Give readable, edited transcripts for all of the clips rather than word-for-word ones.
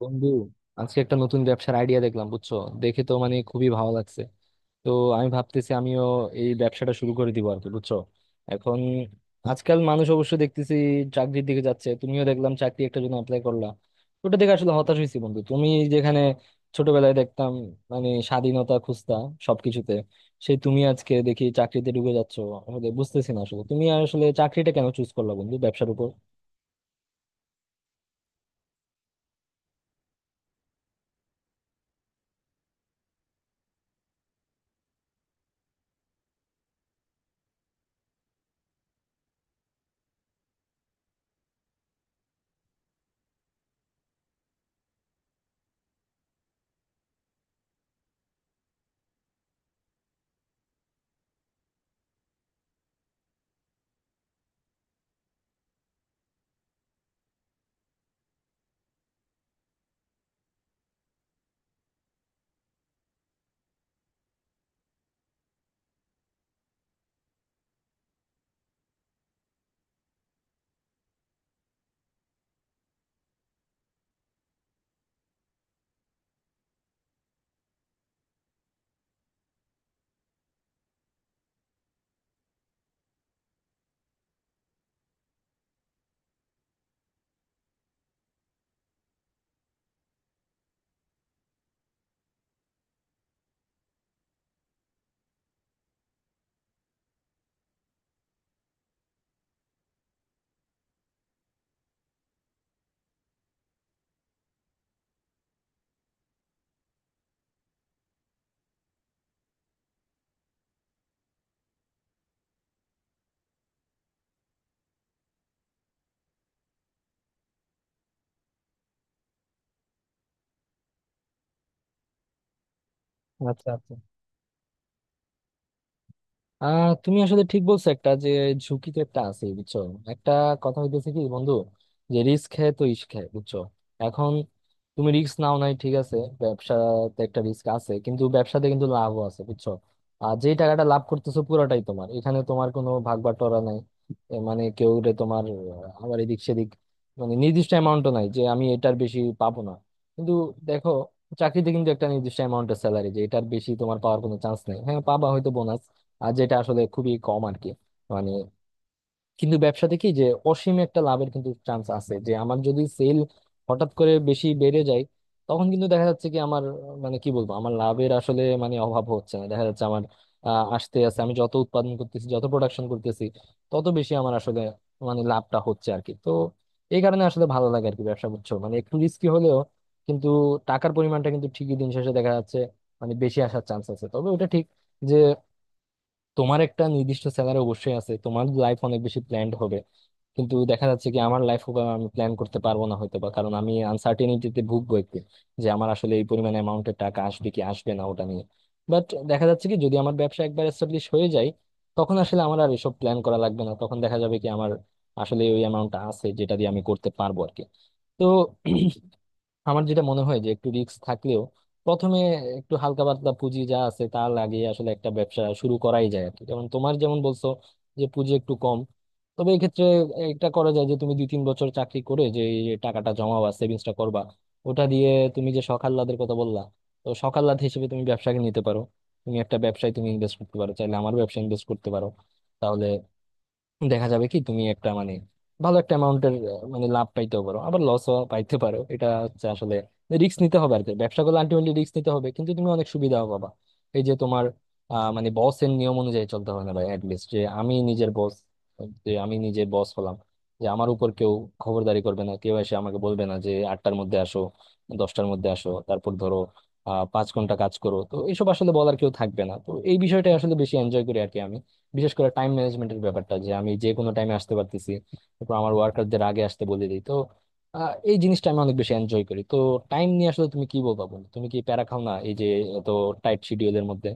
বন্ধু, আজকে একটা নতুন ব্যবসার আইডিয়া দেখলাম, বুঝছো? দেখে তো মানে খুবই ভালো লাগছে। তো আমি ভাবতেছি আমিও এই ব্যবসাটা শুরু করে দিব আর কি, বুঝছো? এখন আজকাল মানুষ অবশ্য দেখতেছি চাকরির দিকে যাচ্ছে, তুমিও দেখলাম চাকরি একটা জন্য অ্যাপ্লাই করলা। ওটা দেখে আসলে হতাশ হয়েছি বন্ধু, তুমি যেখানে ছোটবেলায় দেখতাম মানে স্বাধীনতা খুঁজতা সবকিছুতে, সেই তুমি আজকে দেখি চাকরিতে ঢুকে যাচ্ছো। আসলে বুঝতেছি না আসলে তুমি আসলে চাকরিটা কেন চুজ করলা বন্ধু ব্যবসার উপর। আচ্ছা আচ্ছা, তুমি আসলে ঠিক বলছো, একটা যে ঝুঁকি তো একটা আছে বুঝছো। একটা কথা হইতেছে কি বন্ধু, যে রিস্ক হ্যায় তো ইশক হ্যায়, বুঝছো? এখন তুমি রিস্ক নাও নাই ঠিক আছে, ব্যবসাতে একটা রিস্ক আছে কিন্তু ব্যবসাতে কিন্তু লাভও আছে, বুঝছো? আর যে টাকাটা লাভ করতেছো পুরোটাই তোমার, এখানে তোমার কোনো ভাগ বাটোয়ারা নাই। এ মানে কেউ রে তোমার আবার এদিক সেদিক মানে নির্দিষ্ট অ্যামাউন্টও নাই যে আমি এটার বেশি পাবো না। কিন্তু দেখো, চাকরিতে কিন্তু একটা নির্দিষ্ট অ্যামাউন্টের স্যালারি, যে এটার বেশি তোমার পাওয়ার কোনো চান্স নেই। হ্যাঁ পাবা হয়তো বোনাস, আর যেটা আসলে খুবই কম আর কি, মানে। কিন্তু ব্যবসাতে কি, যে অসীম একটা লাভের কিন্তু চান্স আছে, যে আমার যদি সেল হঠাৎ করে বেশি বেড়ে যায়, তখন কিন্তু দেখা যাচ্ছে কি আমার মানে কি বলবো, আমার লাভের আসলে মানে অভাব হচ্ছে না। দেখা যাচ্ছে আমার আসতে আসতে আমি যত উৎপাদন করতেছি, যত প্রোডাকশন করতেছি, তত বেশি আমার আসলে মানে লাভটা হচ্ছে আর কি। তো এই কারণে আসলে ভালো লাগে আর কি ব্যবসা করছো, মানে একটু রিস্কি হলেও কিন্তু টাকার পরিমাণটা কিন্তু ঠিকই দিন শেষে দেখা যাচ্ছে মানে বেশি আসার চান্স আছে। তবে ওটা ঠিক যে তোমার একটা নির্দিষ্ট স্যালারি অবশ্যই আছে, তোমার লাইফ অনেক বেশি প্ল্যান্ড হবে, কিন্তু দেখা যাচ্ছে কি আমার লাইফ আমি প্ল্যান করতে পারবো না হয়তো বা, কারণ আমি আনসার্টেনিটিতে ভুগবো একটু, যে আমার আসলে এই পরিমাণ অ্যামাউন্টের টাকা আসবে কি আসবে না ওটা নিয়ে। বাট দেখা যাচ্ছে কি যদি আমার ব্যবসা একবার এস্টাবলিশ হয়ে যায়, তখন আসলে আমার আর এসব প্ল্যান করা লাগবে না। তখন দেখা যাবে কি আমার আসলে ওই অ্যামাউন্টটা আছে যেটা দিয়ে আমি করতে পারবো আর কি। তো আমার যেটা মনে হয় যে একটু রিস্ক থাকলেও প্রথমে একটু হালকা পাতলা পুঁজি যা আছে তা লাগিয়ে আসলে একটা ব্যবসা শুরু করাই যায় আর কি। যেমন তোমার, যেমন বলছো যে পুঁজি একটু কম, তবে এক্ষেত্রে এটা করা যায় যে তুমি দুই তিন বছর চাকরি করে যে এই টাকাটা জমাবা, সেভিংসটা করবা, ওটা দিয়ে তুমি যে শখ আহ্লাদের কথা বললা, তো শখ আহ্লাদ হিসেবে তুমি ব্যবসাকে নিতে পারো। তুমি একটা ব্যবসায় তুমি ইনভেস্ট করতে পারো, চাইলে আমার ব্যবসায় ইনভেস্ট করতে পারো। তাহলে দেখা যাবে কি তুমি একটা মানে ভালো একটা অ্যামাউন্টের মানে লাভ পাইতেও পারো, আবার লসও পাইতে পারো। এটা হচ্ছে আসলে রিস্ক নিতে হবে আর কি, ব্যবসা করলে আলটিমেটলি রিস্ক নিতে হবে, কিন্তু তুমি অনেক সুবিধাও পাবা। এই যে তোমার মানে বসের নিয়ম অনুযায়ী চলতে হবে না ভাই, অ্যাটলিস্ট যে আমি নিজের বস, যে আমি নিজের বস হলাম, যে আমার উপর কেউ খবরদারি করবে না, কেউ এসে আমাকে বলবে না যে আটটার মধ্যে আসো, দশটার মধ্যে আসো, তারপর ধরো পাঁচ ঘন্টা কাজ করো, তো এইসব আসলে বলার কেউ থাকবে না। তো এই বিষয়টা আসলে বেশি এনজয় করি আর কি আমি, বিশেষ করে টাইম ম্যানেজমেন্টের ব্যাপারটা, যে আমি যে কোনো টাইমে আসতে পারতেছি, তারপর আমার ওয়ার্কারদের আগে আসতে বলে দিই। তো এই জিনিসটা আমি অনেক বেশি এনজয় করি। তো টাইম নিয়ে আসলে তুমি কি বলবা বলো, তুমি কি প্যারা খাও না এই যে এত টাইট শিডিউলের মধ্যে?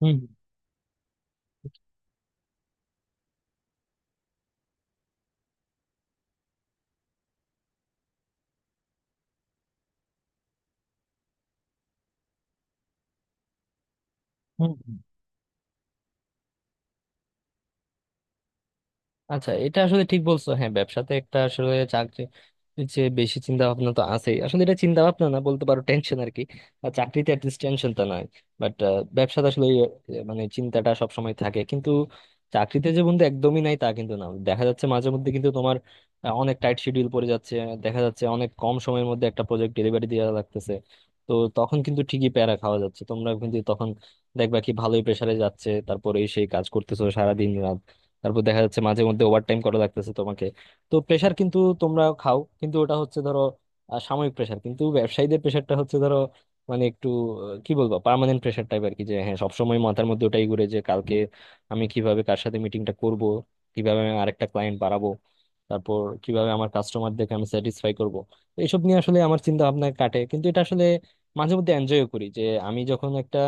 হুম হুম হুম। আচ্ছা, এটা আসলে ঠিক বলছো, হ্যাঁ ব্যবসাতে একটা আসলে চাকরি যে বেশি চিন্তা ভাবনা তো আছেই, আসলে এটা চিন্তা ভাবনা না বলতে পারো টেনশন আর কি। আর চাকরিতে অ্যাটলিস্ট টেনশনটা নাই, বাট ব্যবসাতে আসলে মানে চিন্তাটা সব সময় থাকে। কিন্তু চাকরিতে যে বন্ধু একদমই নাই তা কিন্তু না, দেখা যাচ্ছে মাঝে মধ্যে কিন্তু তোমার অনেক টাইট শিডিউল পড়ে যাচ্ছে, দেখা যাচ্ছে অনেক কম সময়ের মধ্যে একটা প্রজেক্ট ডেলিভারি দেওয়া লাগতেছে। তো তখন কিন্তু ঠিকই প্যারা খাওয়া যাচ্ছে তোমরা, কিন্তু তখন দেখবা কি ভালোই প্রেসারে যাচ্ছে, তারপরে সেই কাজ করতেছো সারাদিন, তারপর দেখা যাচ্ছে মাঝে মধ্যে ওভারটাইম করা লাগতেছে তোমাকে। তো প্রেশার কিন্তু তোমরা খাও, কিন্তু ওটা হচ্ছে ধরো সাময়িক প্রেশার। কিন্তু ব্যবসায়ীদের প্রেশারটা হচ্ছে ধরো মানে একটু কি বলবো, পার্মানেন্ট প্রেশার টাইপ আর কি। যে হ্যাঁ, সবসময় মাথার মধ্যে ওটাই ঘুরে, যে কালকে আমি কিভাবে কার সাথে মিটিংটা করব, কিভাবে আমি আরেকটা ক্লায়েন্ট বাড়াবো, তারপর কিভাবে আমার কাস্টমারদেরকে আমি স্যাটিসফাই করব, এইসব নিয়ে আসলে আমার চিন্তা ভাবনা কাটে। কিন্তু এটা আসলে মাঝে মধ্যে এনজয় করি, যে আমি যখন একটা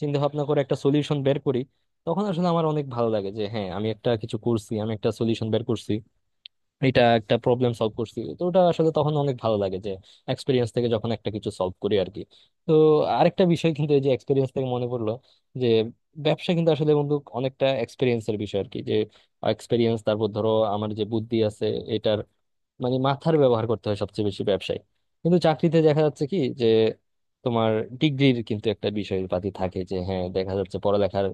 চিন্তা ভাবনা করে একটা সলিউশন বের করি, তখন আসলে আমার অনেক ভালো লাগে যে হ্যাঁ আমি একটা কিছু করছি, আমি একটা সলিউশন বের করছি, এটা একটা প্রবলেম সলভ করছি। তো ওটা আসলে তখন অনেক ভালো লাগে, যে এক্সপিরিয়েন্স থেকে যখন একটা কিছু সলভ করি আর কি। তো আরেকটা বিষয় কিন্তু এই যে এক্সপিরিয়েন্স থেকে মনে পড়লো, যে ব্যবসা কিন্তু আসলে বন্ধু অনেকটা এক্সপিরিয়েন্সের বিষয় আর কি। যে এক্সপিরিয়েন্স, তারপর ধরো আমার যে বুদ্ধি আছে, এটার মানে মাথার ব্যবহার করতে হয় সবচেয়ে বেশি ব্যবসায়। কিন্তু চাকরিতে দেখা যাচ্ছে কি যে তোমার ডিগ্রির কিন্তু একটা বিষয় পাতি থাকে, যে হ্যাঁ, দেখা যাচ্ছে পড়ালেখার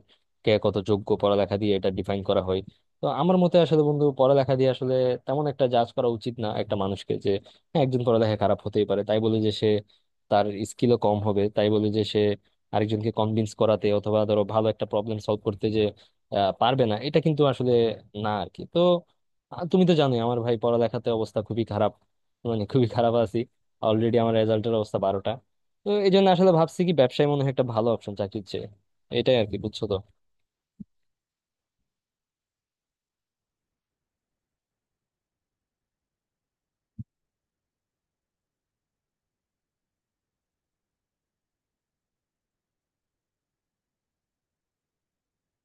কে কত যোগ্য পড়ালেখা দিয়ে এটা ডিফাইন করা হয়। তো আমার মতে আসলে বন্ধু পড়ালেখা দিয়ে আসলে তেমন একটা জাজ করা উচিত না একটা মানুষকে। যে হ্যাঁ, একজন পড়ালেখা খারাপ হতেই পারে, তাই বলে যে সে তার স্কিলও কম হবে, তাই বলে যে সে আরেকজনকে কনভিন্স করাতে অথবা ধরো ভালো একটা প্রবলেম সলভ করতে যে পারবে না, এটা কিন্তু আসলে না আর কি। তো আর তুমি তো জানোই আমার ভাই পড়ালেখাতে অবস্থা খুবই খারাপ, মানে খুবই খারাপ আছি। অলরেডি আমার রেজাল্টের অবস্থা বারোটা। তো এই জন্য আসলে ভাবছি কি ব্যবসায় মনে হয় একটা ভালো অপশন চাকরির চেয়ে, এটাই আর কি, বুঝছো? তো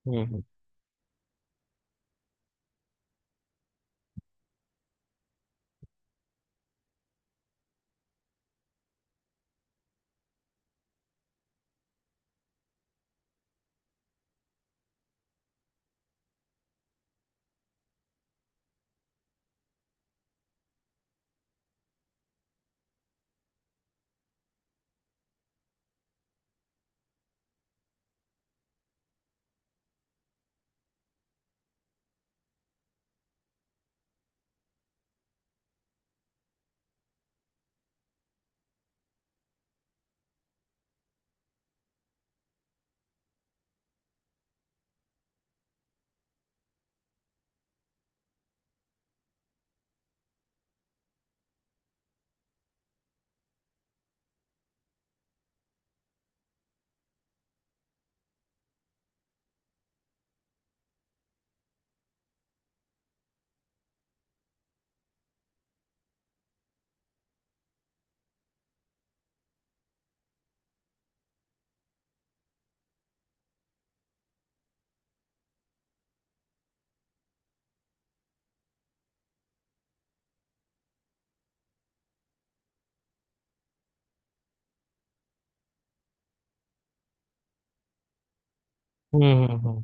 হুম হুম হুম হুম হুম।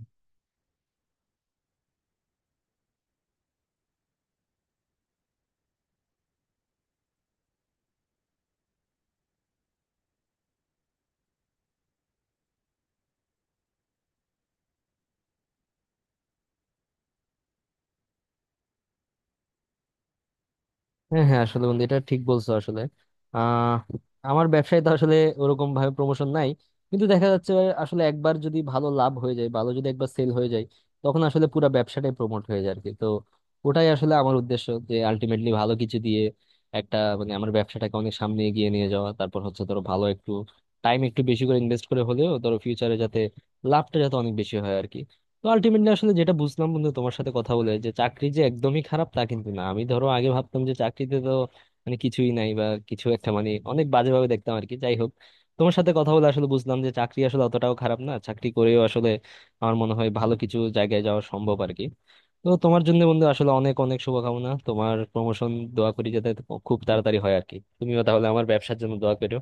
হ্যাঁ হ্যাঁ, আসলে বন্ধু এটা ঠিক বলছো আসলে। আহ আমার ব্যবসায় তো আসলে ওরকম ভাবে প্রমোশন নাই, কিন্তু দেখা যাচ্ছে আসলে একবার যদি ভালো লাভ হয়ে যায়, ভালো যদি একবার সেল হয়ে যায়, তখন আসলে পুরো ব্যবসাটাই প্রমোট হয়ে যায় আর কি। তো ওটাই আসলে আমার উদ্দেশ্য, যে আলটিমেটলি ভালো কিছু দিয়ে একটা মানে আমার ব্যবসাটাকে অনেক সামনে এগিয়ে নিয়ে যাওয়া, তারপর হচ্ছে ধরো ভালো একটু টাইম একটু বেশি করে ইনভেস্ট করে হলেও ধরো ফিউচারে যাতে লাভটা যাতে অনেক বেশি হয় আর কি। তো আলটিমেটলি আসলে যেটা বুঝলাম বন্ধু তোমার সাথে কথা বলে, যে চাকরি যে একদমই খারাপ তা কিন্তু না। আমি ধরো আগে ভাবতাম যে চাকরিতে তো মানে কিছুই নাই, বা কিছু একটা মানে অনেক বাজেভাবে দেখতাম আর কি। যাই হোক, তোমার সাথে কথা বলে আসলে বুঝলাম যে চাকরি আসলে অতটাও খারাপ না, চাকরি করেও আসলে আমার মনে হয় ভালো কিছু জায়গায় যাওয়া সম্ভব আর কি। তো তোমার জন্য বন্ধু আসলে অনেক অনেক শুভকামনা, তোমার প্রমোশন দোয়া করি যাতে খুব তাড়াতাড়ি হয় আর কি। তুমিও তাহলে আমার ব্যবসার জন্য দোয়া করো।